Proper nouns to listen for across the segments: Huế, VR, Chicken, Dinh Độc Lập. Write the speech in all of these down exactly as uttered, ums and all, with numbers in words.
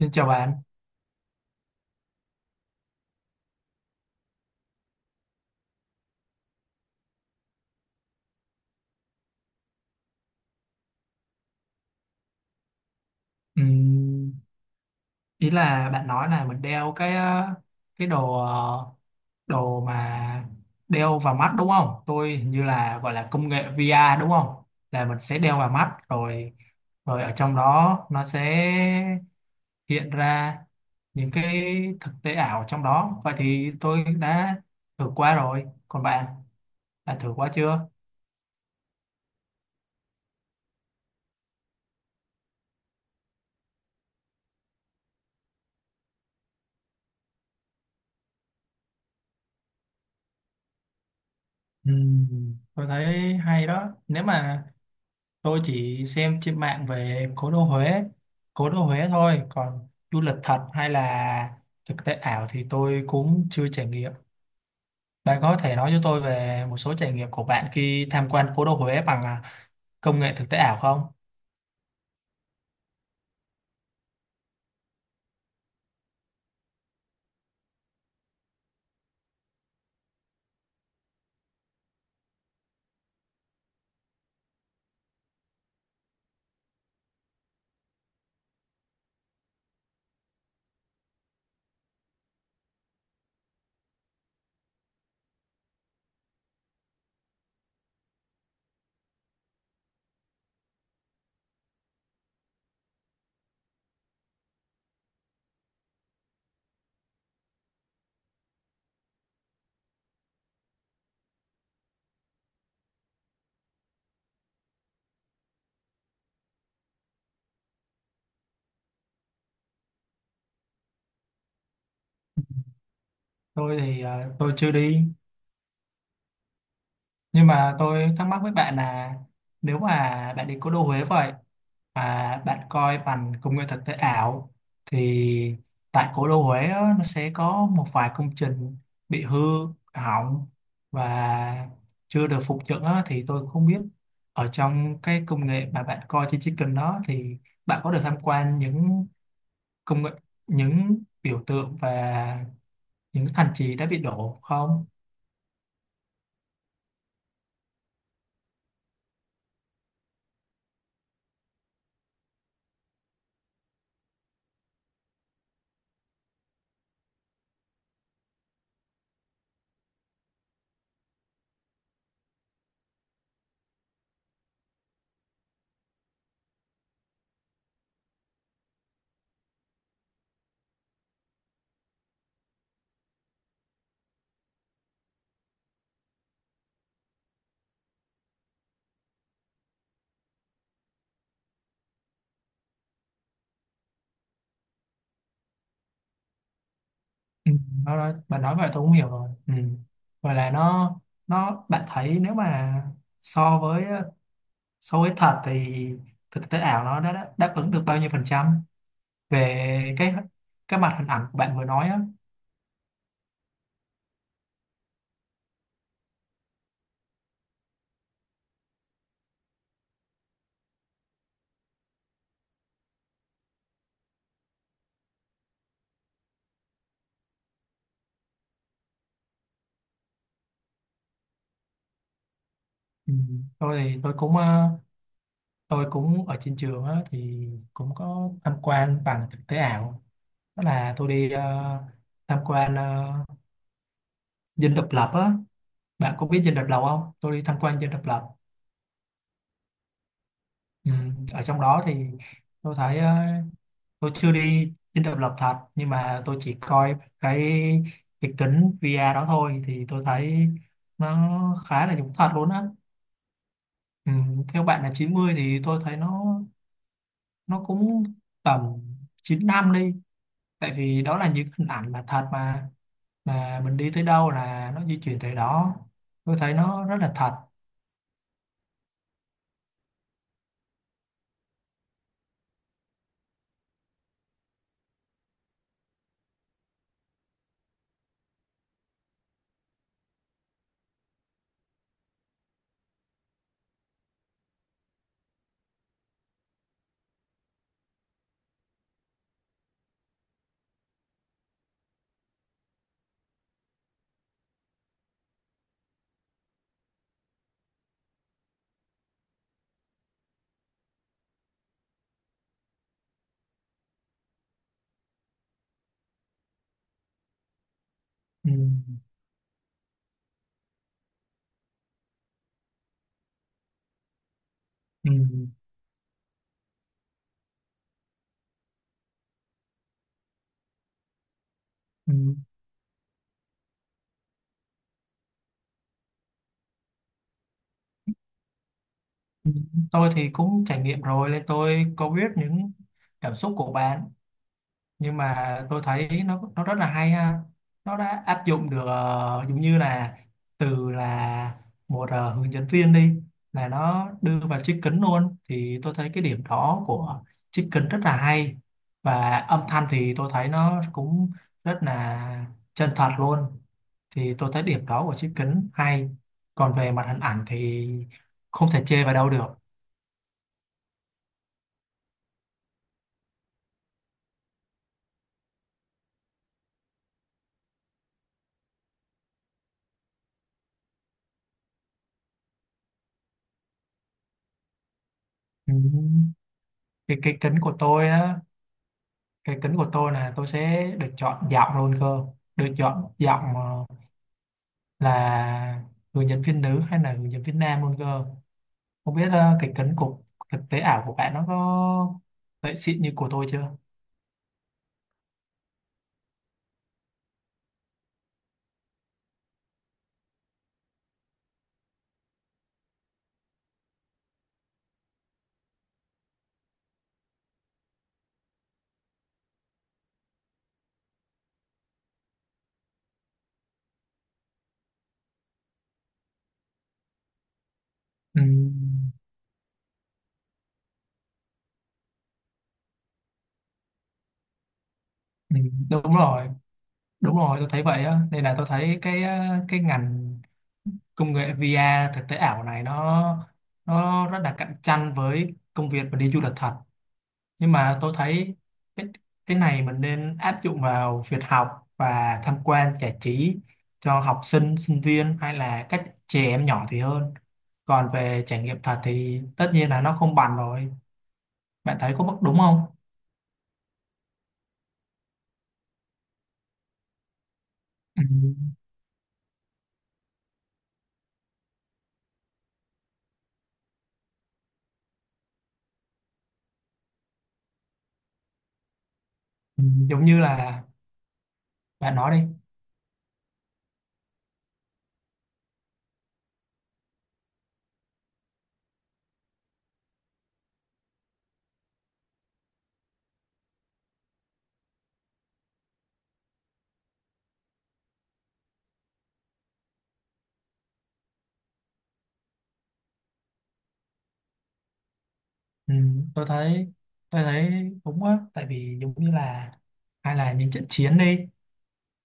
Xin chào bạn. Ừm, Ý là bạn nói là mình đeo cái ờ, cái đồ ờ, đồ mà đeo vào mắt đúng không? Tôi hình như là gọi là công nghệ vi a đúng không? Là mình sẽ đeo vào mắt rồi rồi ở trong đó nó sẽ hiện ra những cái thực tế ảo trong đó. Vậy thì tôi đã thử qua rồi. Còn bạn, bạn thử qua chưa? Ừm, tôi thấy hay đó. Nếu mà Tôi chỉ xem trên mạng về cố đô Huế, cố đô Huế thôi, còn du lịch thật hay là thực tế ảo thì tôi cũng chưa trải nghiệm. Bạn có thể nói cho tôi về một số trải nghiệm của bạn khi tham quan cố đô Huế bằng à, công nghệ thực tế ảo không? Tôi thì à, tôi chưa đi. Nhưng mà tôi thắc mắc với bạn là nếu mà bạn đi cố đô Huế vậy mà bạn coi bằng công nghệ thực tế ảo thì tại cố đô Huế á, nó sẽ có một vài công trình bị hư hỏng và chưa được phục dựng á, thì tôi không biết ở trong cái công nghệ mà bạn coi trên Chicken đó thì bạn có được tham quan những công nghệ, những biểu tượng và những thành trì đã bị đổ không? Ừ, nó nói bạn nói vậy tôi cũng hiểu rồi. Ừ. Vậy là nó nó bạn thấy nếu mà so với so với thật thì thực tế ảo nó đã, đã đáp ứng được bao nhiêu phần trăm về cái cái mặt hình ảnh của bạn vừa nói á? Ừ. tôi thì tôi cũng ờ, tôi cũng ở trên trường á thì cũng có tham quan bằng thực tế ảo. Đó là tôi đi ờ, tham quan ờ, Dinh Độc Lập á. Bạn có biết Dinh Độc Lập không? Tôi đi tham quan Dinh Độc Lập. Ừ. Ở trong đó thì tôi thấy ờ, tôi chưa đi dinh độc lập thật nhưng mà tôi chỉ coi cái cái kính vi a đó thôi thì tôi thấy nó khá là giống thật luôn á. Ừ, theo bạn là chín mươi thì tôi thấy nó nó cũng tầm chín năm đi, tại vì đó là những hình ảnh mà thật mà mà mình đi tới đâu là nó di chuyển tới đó, tôi thấy nó rất là thật. Ừ, ừ, ừ. Tôi thì cũng trải nghiệm rồi nên tôi có biết những cảm xúc của bạn nhưng mà tôi thấy nó nó rất là hay ha. Nó đã áp dụng được ờ, giống như là từ là một ờ, hướng dẫn viên đi, là nó đưa vào chiếc kính luôn thì tôi thấy cái điểm đó của chiếc kính rất là hay. Và âm thanh thì tôi thấy nó cũng rất là chân thật luôn, thì tôi thấy điểm đó của chiếc kính hay. Còn về mặt hình ảnh thì không thể chê vào đâu được. Ừ. cái cái kính của tôi á, cái kính của tôi là tôi sẽ được chọn giọng luôn cơ được chọn giọng ờ, là người diễn viên nữ hay là người diễn viên nam luôn cơ. Không biết ờ, cái kính của thực tế ảo của bạn nó có vậy xịn như của tôi chưa. Ừ, ừ, đúng rồi, đúng rồi, tôi thấy vậy á nên là tôi thấy cái ờ, cái ngành công nghệ vi a thực tế ảo này nó nó rất là cạnh tranh với công việc và đi du lịch thật. Nhưng mà tôi thấy cái, cái này mình nên áp dụng vào việc học và tham quan giải trí cho học sinh sinh viên hay là các trẻ em nhỏ thì hơn. Còn về trải nghiệm thật thì tất nhiên là nó không bằng rồi. Bạn thấy có bất đúng không? Ừ, ừ, giống như là bạn nói đi. Ừ, tôi thấy tôi thấy đúng á, tại vì giống như là hay là những trận chiến đi,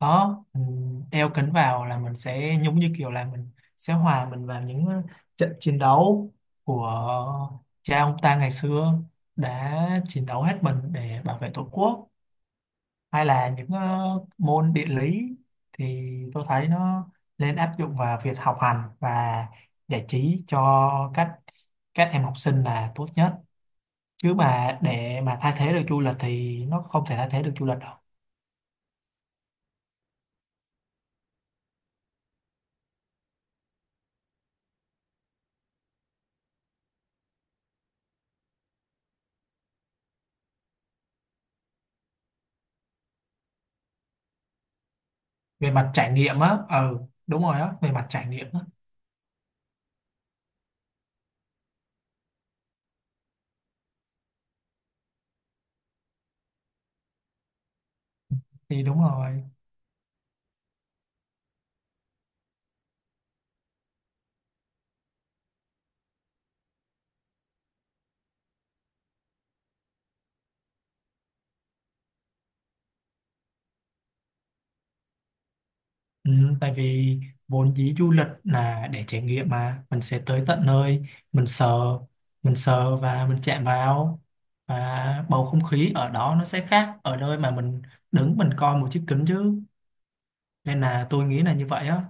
đó mình đeo kính vào là mình sẽ giống như kiểu là mình sẽ hòa mình vào những ờ, trận chiến đấu của cha ông ta ngày xưa đã chiến đấu hết mình để bảo vệ tổ quốc. Hay là những ờ, môn địa lý thì tôi thấy nó nên áp dụng vào việc học hành và giải trí cho các các em học sinh là tốt nhất, chứ mà để mà thay thế được du lịch thì nó không thể thay thế được du lịch đâu. Về mặt trải nghiệm á. Ừ, đúng rồi á, về mặt trải nghiệm á. Thì đúng rồi. Ừ, tại vì vốn dĩ du lịch là để trải nghiệm mà mình sẽ tới tận nơi, mình sờ mình sờ và mình chạm vào, và bầu không khí ở đó nó sẽ khác ở nơi mà mình đứng mình coi một chiếc kính chứ. Nên là tôi nghĩ là như vậy á.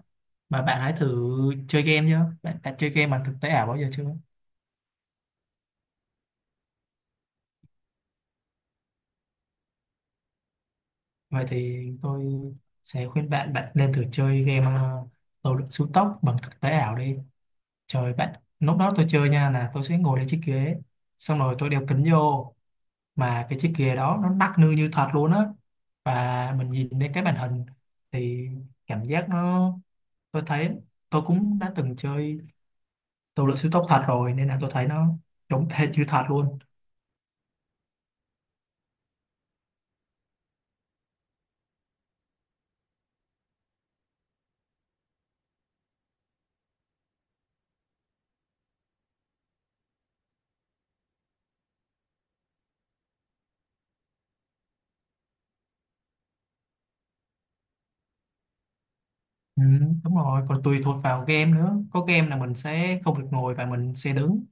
Mà bạn hãy thử chơi game nhá bạn, bạn chơi game bằng thực tế ảo bao giờ chưa? Vậy thì tôi sẽ khuyên bạn bạn nên thử chơi game ờ, tàu lượn siêu tốc bằng thực tế ảo đi. Trời bạn, lúc đó tôi chơi nha là tôi sẽ ngồi lên chiếc ghế, xong rồi tôi đeo kính vô. Mà cái chiếc ghế đó nó nắc nư như thật luôn á, và mình nhìn lên cái màn hình thì cảm giác nó... Tôi thấy tôi cũng đã từng chơi tàu lượn siêu tốc thật rồi nên là tôi thấy nó giống hệt như thật luôn. Ừ, đúng rồi, còn tùy thuộc vào game nữa. Có game là mình sẽ không được ngồi và mình sẽ đứng,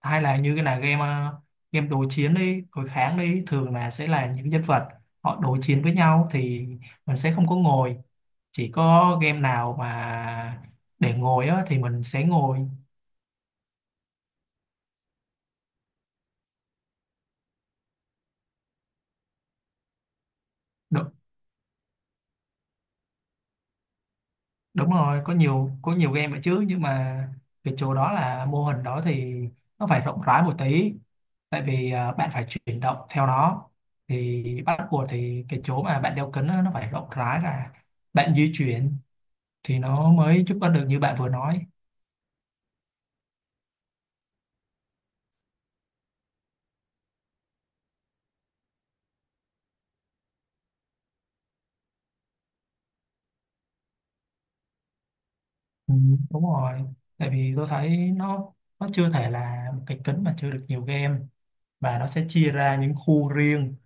hay là như cái là game ờ, game đối chiến đi, đối kháng đi, thường là sẽ là những nhân vật họ đối chiến với nhau thì mình sẽ không có ngồi. Chỉ có game nào mà để ngồi á, thì mình sẽ ngồi. Đúng, đúng rồi, có nhiều có nhiều game vậy chứ nhưng mà cái chỗ đó là mô hình đó thì nó phải rộng rãi một tí, tại vì ờ, bạn phải chuyển động theo nó thì bắt buộc thì cái chỗ mà bạn đeo kính á, nó phải rộng rãi ra, bạn di chuyển thì nó mới giúp ích được như bạn vừa nói. Ừ, đúng rồi, tại vì tôi thấy nó nó chưa thể là một cái kính mà chứa được nhiều game và nó sẽ chia ra những khu riêng,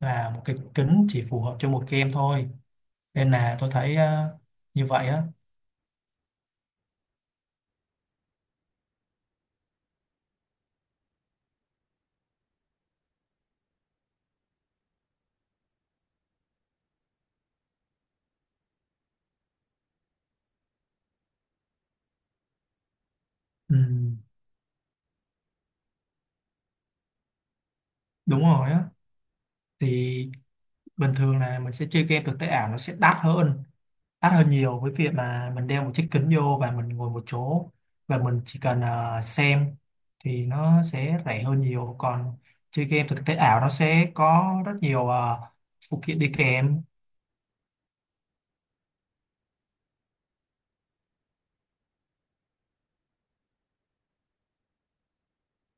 là một cái kính chỉ phù hợp cho một game thôi nên là tôi thấy ờ, như vậy á. Ừ, đúng rồi á, thì bình thường là mình sẽ chơi game thực tế ảo nó sẽ đắt hơn đắt hơn nhiều với việc mà mình đeo một chiếc kính vô và mình ngồi một chỗ và mình chỉ cần ờ, xem thì nó sẽ rẻ hơn nhiều. Còn chơi game thực tế ảo nó sẽ có rất nhiều ờ, phụ kiện đi kèm.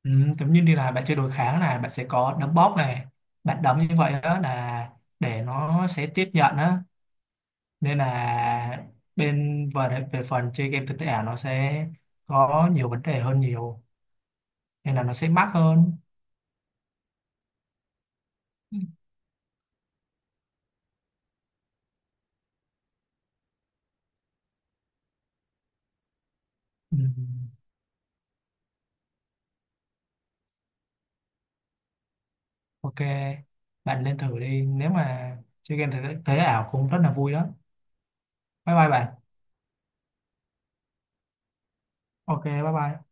Ừ, giống như đi là bạn chơi đối kháng này, bạn sẽ có đấm bóp này, bạn đấm như vậy đó là để nó sẽ tiếp nhận á. Nên là bên về về phần chơi game thực tế ảo nó sẽ có nhiều vấn đề hơn nhiều nên là nó sẽ mắc hơn. Ừ. Ừ. Ok, bạn lên thử đi. Nếu mà chơi game thế, thế ảo cũng rất là vui đó. Bye bye bạn. Ok, bye bye.